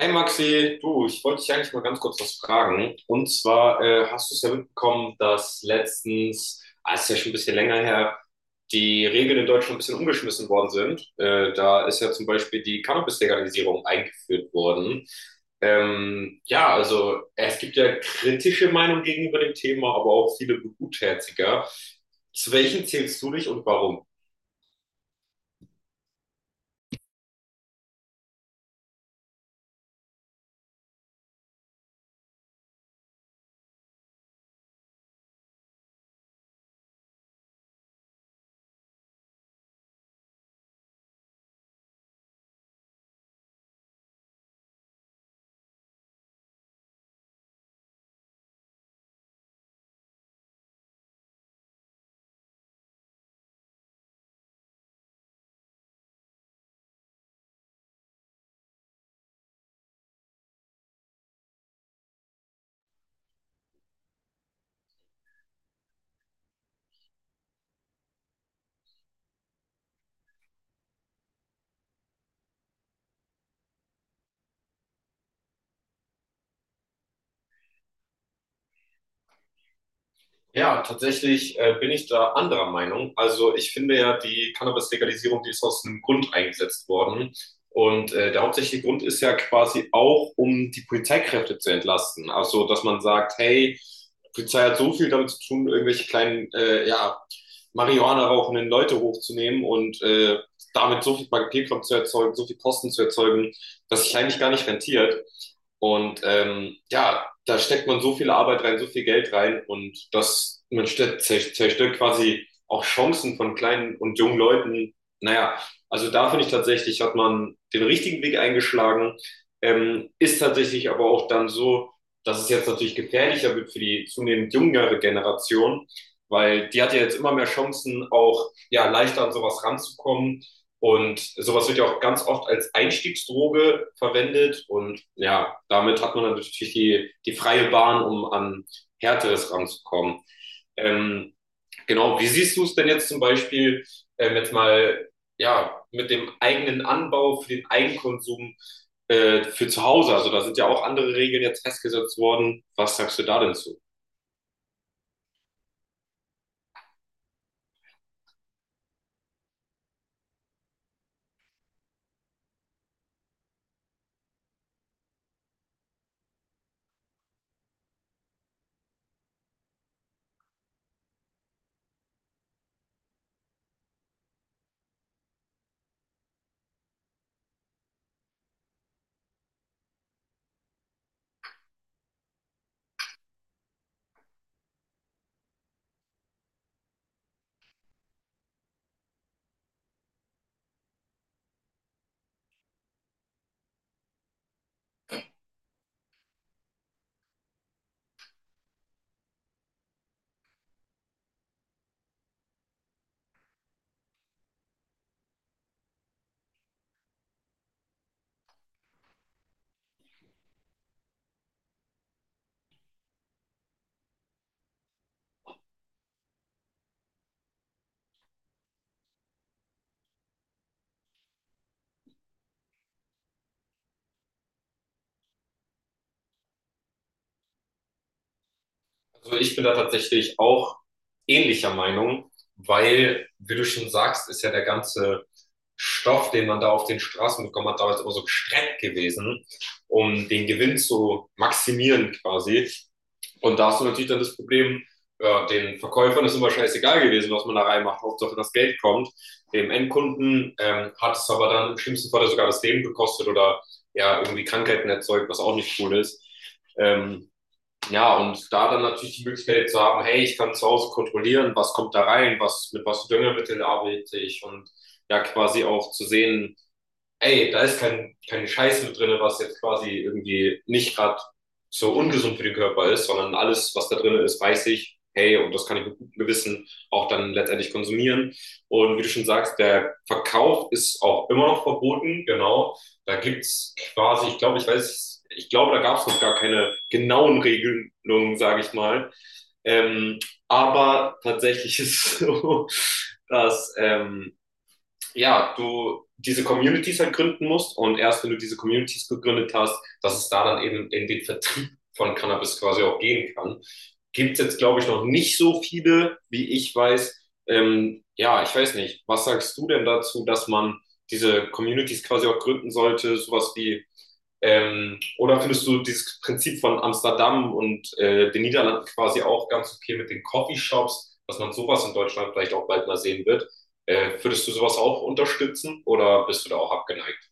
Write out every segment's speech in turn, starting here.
Hey Maxi, du, ich wollte dich eigentlich mal ganz kurz was fragen. Und zwar hast du es ja mitbekommen, dass letztens, ist ja schon ein bisschen länger her, die Regeln in Deutschland ein bisschen umgeschmissen worden sind. Da ist ja zum Beispiel die Cannabis-Legalisierung eingeführt worden. Ja, also es gibt ja kritische Meinungen gegenüber dem Thema, aber auch viele Gutherziger. Zu welchen zählst du dich und warum? Ja, tatsächlich bin ich da anderer Meinung. Also ich finde ja, die Cannabis-Legalisierung, die ist aus einem Grund eingesetzt worden. Und der hauptsächliche Grund ist ja quasi auch, um die Polizeikräfte zu entlasten. Also, dass man sagt, hey, die Polizei hat so viel damit zu tun, irgendwelche kleinen, ja, Marihuana rauchenden Leute hochzunehmen und damit so viel Papierkram zu erzeugen, so viel Kosten zu erzeugen, dass sich eigentlich gar nicht rentiert. Und ja, da steckt man so viel Arbeit rein, so viel Geld rein und das, man zerstört quasi auch Chancen von kleinen und jungen Leuten. Naja, also da finde ich tatsächlich, hat man den richtigen Weg eingeschlagen, ist tatsächlich aber auch dann so, dass es jetzt natürlich gefährlicher wird für die zunehmend jüngere Generation, weil die hat ja jetzt immer mehr Chancen, auch ja leichter an sowas ranzukommen und sowas wird ja auch ganz oft als Einstiegsdroge verwendet. Und ja, damit hat man natürlich die freie Bahn, um an Härteres ranzukommen. Ähm, genau, wie siehst du es denn jetzt zum Beispiel, jetzt mal ja, mit dem eigenen Anbau für den Eigenkonsum für zu Hause? Also da sind ja auch andere Regeln jetzt festgesetzt worden. Was sagst du da denn zu? Also ich bin da tatsächlich auch ähnlicher Meinung, weil, wie du schon sagst, ist ja der ganze Stoff, den man da auf den Straßen bekommen hat, damals immer so gestreckt gewesen, um den Gewinn zu maximieren quasi. Und da hast du natürlich dann das Problem, ja, den Verkäufern ist immer scheißegal gewesen, was man da reinmacht, Hauptsache das Geld kommt. Dem Endkunden hat es aber dann im schlimmsten Fall sogar das Leben gekostet oder ja, irgendwie Krankheiten erzeugt, was auch nicht cool ist. Ähm, ja, und da dann natürlich die Möglichkeit zu haben, hey, ich kann zu Hause kontrollieren, was kommt da rein, was, mit was für Düngemittel arbeite ich und ja, quasi auch zu sehen, ey, da ist keine Scheiße mit drin, was jetzt quasi irgendwie nicht gerade so ungesund für den Körper ist, sondern alles, was da drin ist, weiß ich, hey, und das kann ich mit gutem Gewissen auch dann letztendlich konsumieren. Und wie du schon sagst, der Verkauf ist auch immer noch verboten, genau. Da gibt's quasi, ich glaube, da gab's noch gar keine genauen Regelungen, sage ich mal. Ähm, aber tatsächlich ist es so, dass ja, du diese Communities halt gründen musst und erst wenn du diese Communities gegründet hast, dass es da dann eben in den Vertrieb von Cannabis quasi auch gehen kann. Gibt es jetzt, glaube ich, noch nicht so viele, wie ich weiß. Ja, ich weiß nicht. Was sagst du denn dazu, dass man diese Communities quasi auch gründen sollte, sowas wie oder findest du dieses Prinzip von Amsterdam und den Niederlanden quasi auch ganz okay mit den Coffeeshops, dass man sowas in Deutschland vielleicht auch bald mal sehen wird? Würdest du sowas auch unterstützen oder bist du da auch abgeneigt?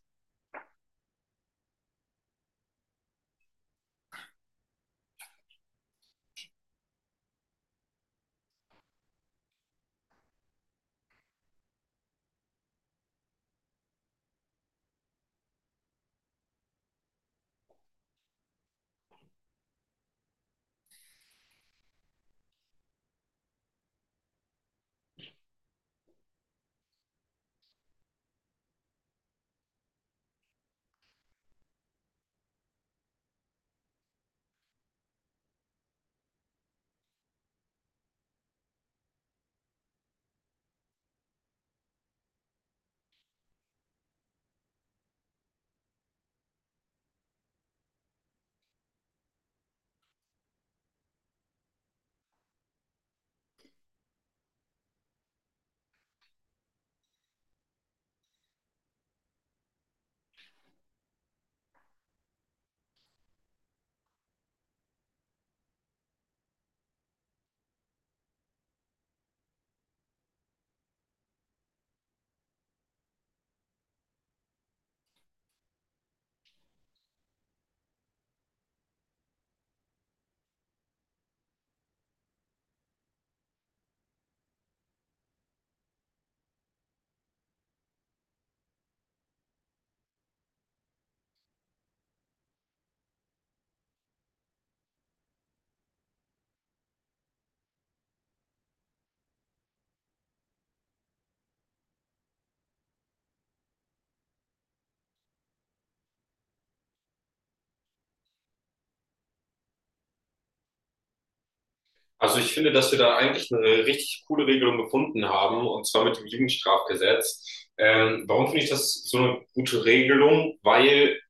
Also ich finde, dass wir da eigentlich eine richtig coole Regelung gefunden haben, und zwar mit dem Jugendstrafgesetz. Warum finde ich das so eine gute Regelung? Weil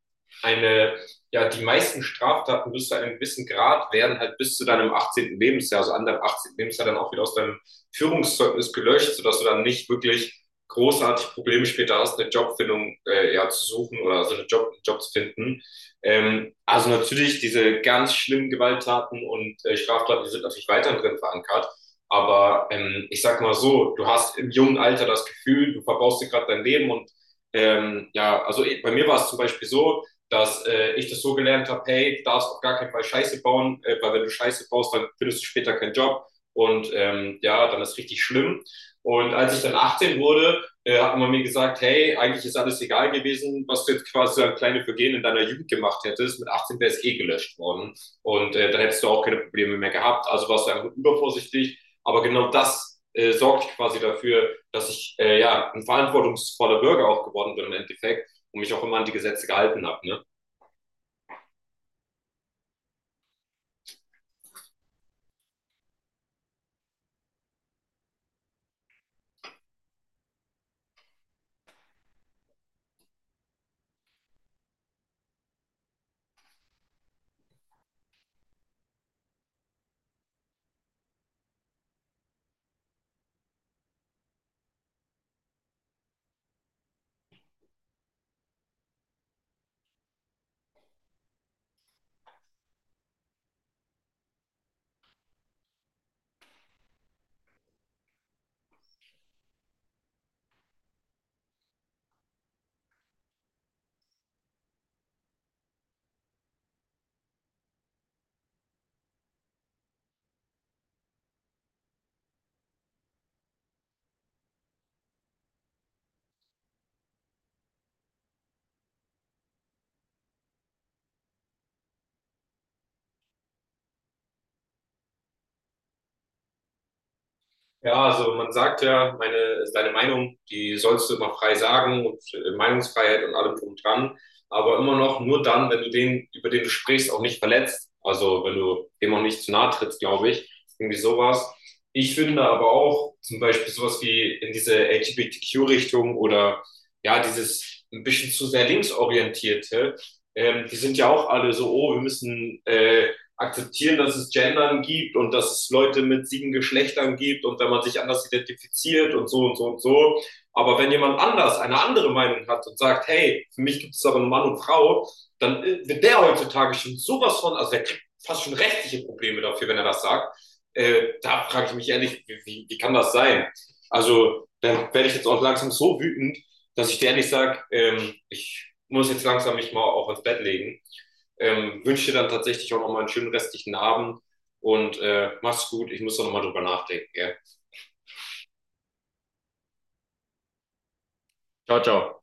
eine, ja, die meisten Straftaten bis zu einem gewissen Grad werden halt bis zu deinem 18. Lebensjahr, also an deinem 18. Lebensjahr dann auch wieder aus deinem Führungszeugnis gelöscht, sodass du dann nicht wirklich großartig Probleme später hast, eine Jobfindung ja, zu suchen oder so also einen Job zu finden. Also natürlich diese ganz schlimmen Gewalttaten und Straftaten, die sind natürlich weiter drin verankert. Aber ich sag mal so, du hast im jungen Alter das Gefühl, du verbaust dir gerade dein Leben und ja, also bei mir war es zum Beispiel so, dass ich das so gelernt habe, hey, du darfst auf gar keinen Fall Scheiße bauen, weil wenn du Scheiße baust, dann findest du später keinen Job und ja, dann ist richtig schlimm. Und als ich dann 18 wurde, hat man mir gesagt, hey, eigentlich ist alles egal gewesen, was du jetzt quasi an kleine Vergehen in deiner Jugend gemacht hättest. Mit 18 wäre es eh gelöscht worden und dann hättest du auch keine Probleme mehr gehabt. Also warst du einfach übervorsichtig. Aber genau das sorgt quasi dafür, dass ich ja ein verantwortungsvoller Bürger auch geworden bin im Endeffekt und mich auch immer an die Gesetze gehalten habe. Ne? Ja, also man sagt ja, deine Meinung, die sollst du immer frei sagen und Meinungsfreiheit und allem drum dran, aber immer noch nur dann, wenn du den, über den du sprichst, auch nicht verletzt. Also wenn du dem auch nicht zu nahe trittst, glaube ich. Irgendwie sowas. Ich finde aber auch zum Beispiel sowas wie in diese LGBTQ-Richtung oder ja, dieses ein bisschen zu sehr linksorientierte, die sind ja auch alle so, oh, wir müssen akzeptieren, dass es Gendern gibt und dass es Leute mit 7 Geschlechtern gibt und wenn man sich anders identifiziert und so und so und so. Aber wenn jemand anders eine andere Meinung hat und sagt, hey, für mich gibt es aber nur Mann und Frau, dann wird der heutzutage schon sowas von, also der kriegt fast schon rechtliche Probleme dafür, wenn er das sagt. Da frage ich mich ehrlich, wie kann das sein? Also, dann werde ich jetzt auch langsam so wütend, dass ich dir ehrlich sage, ich muss jetzt langsam mich mal auch ins Bett legen. Wünsche dir dann tatsächlich auch nochmal einen schönen restlichen Abend und mach's gut. Ich muss da nochmal drüber nachdenken. Gell? Ciao, ciao.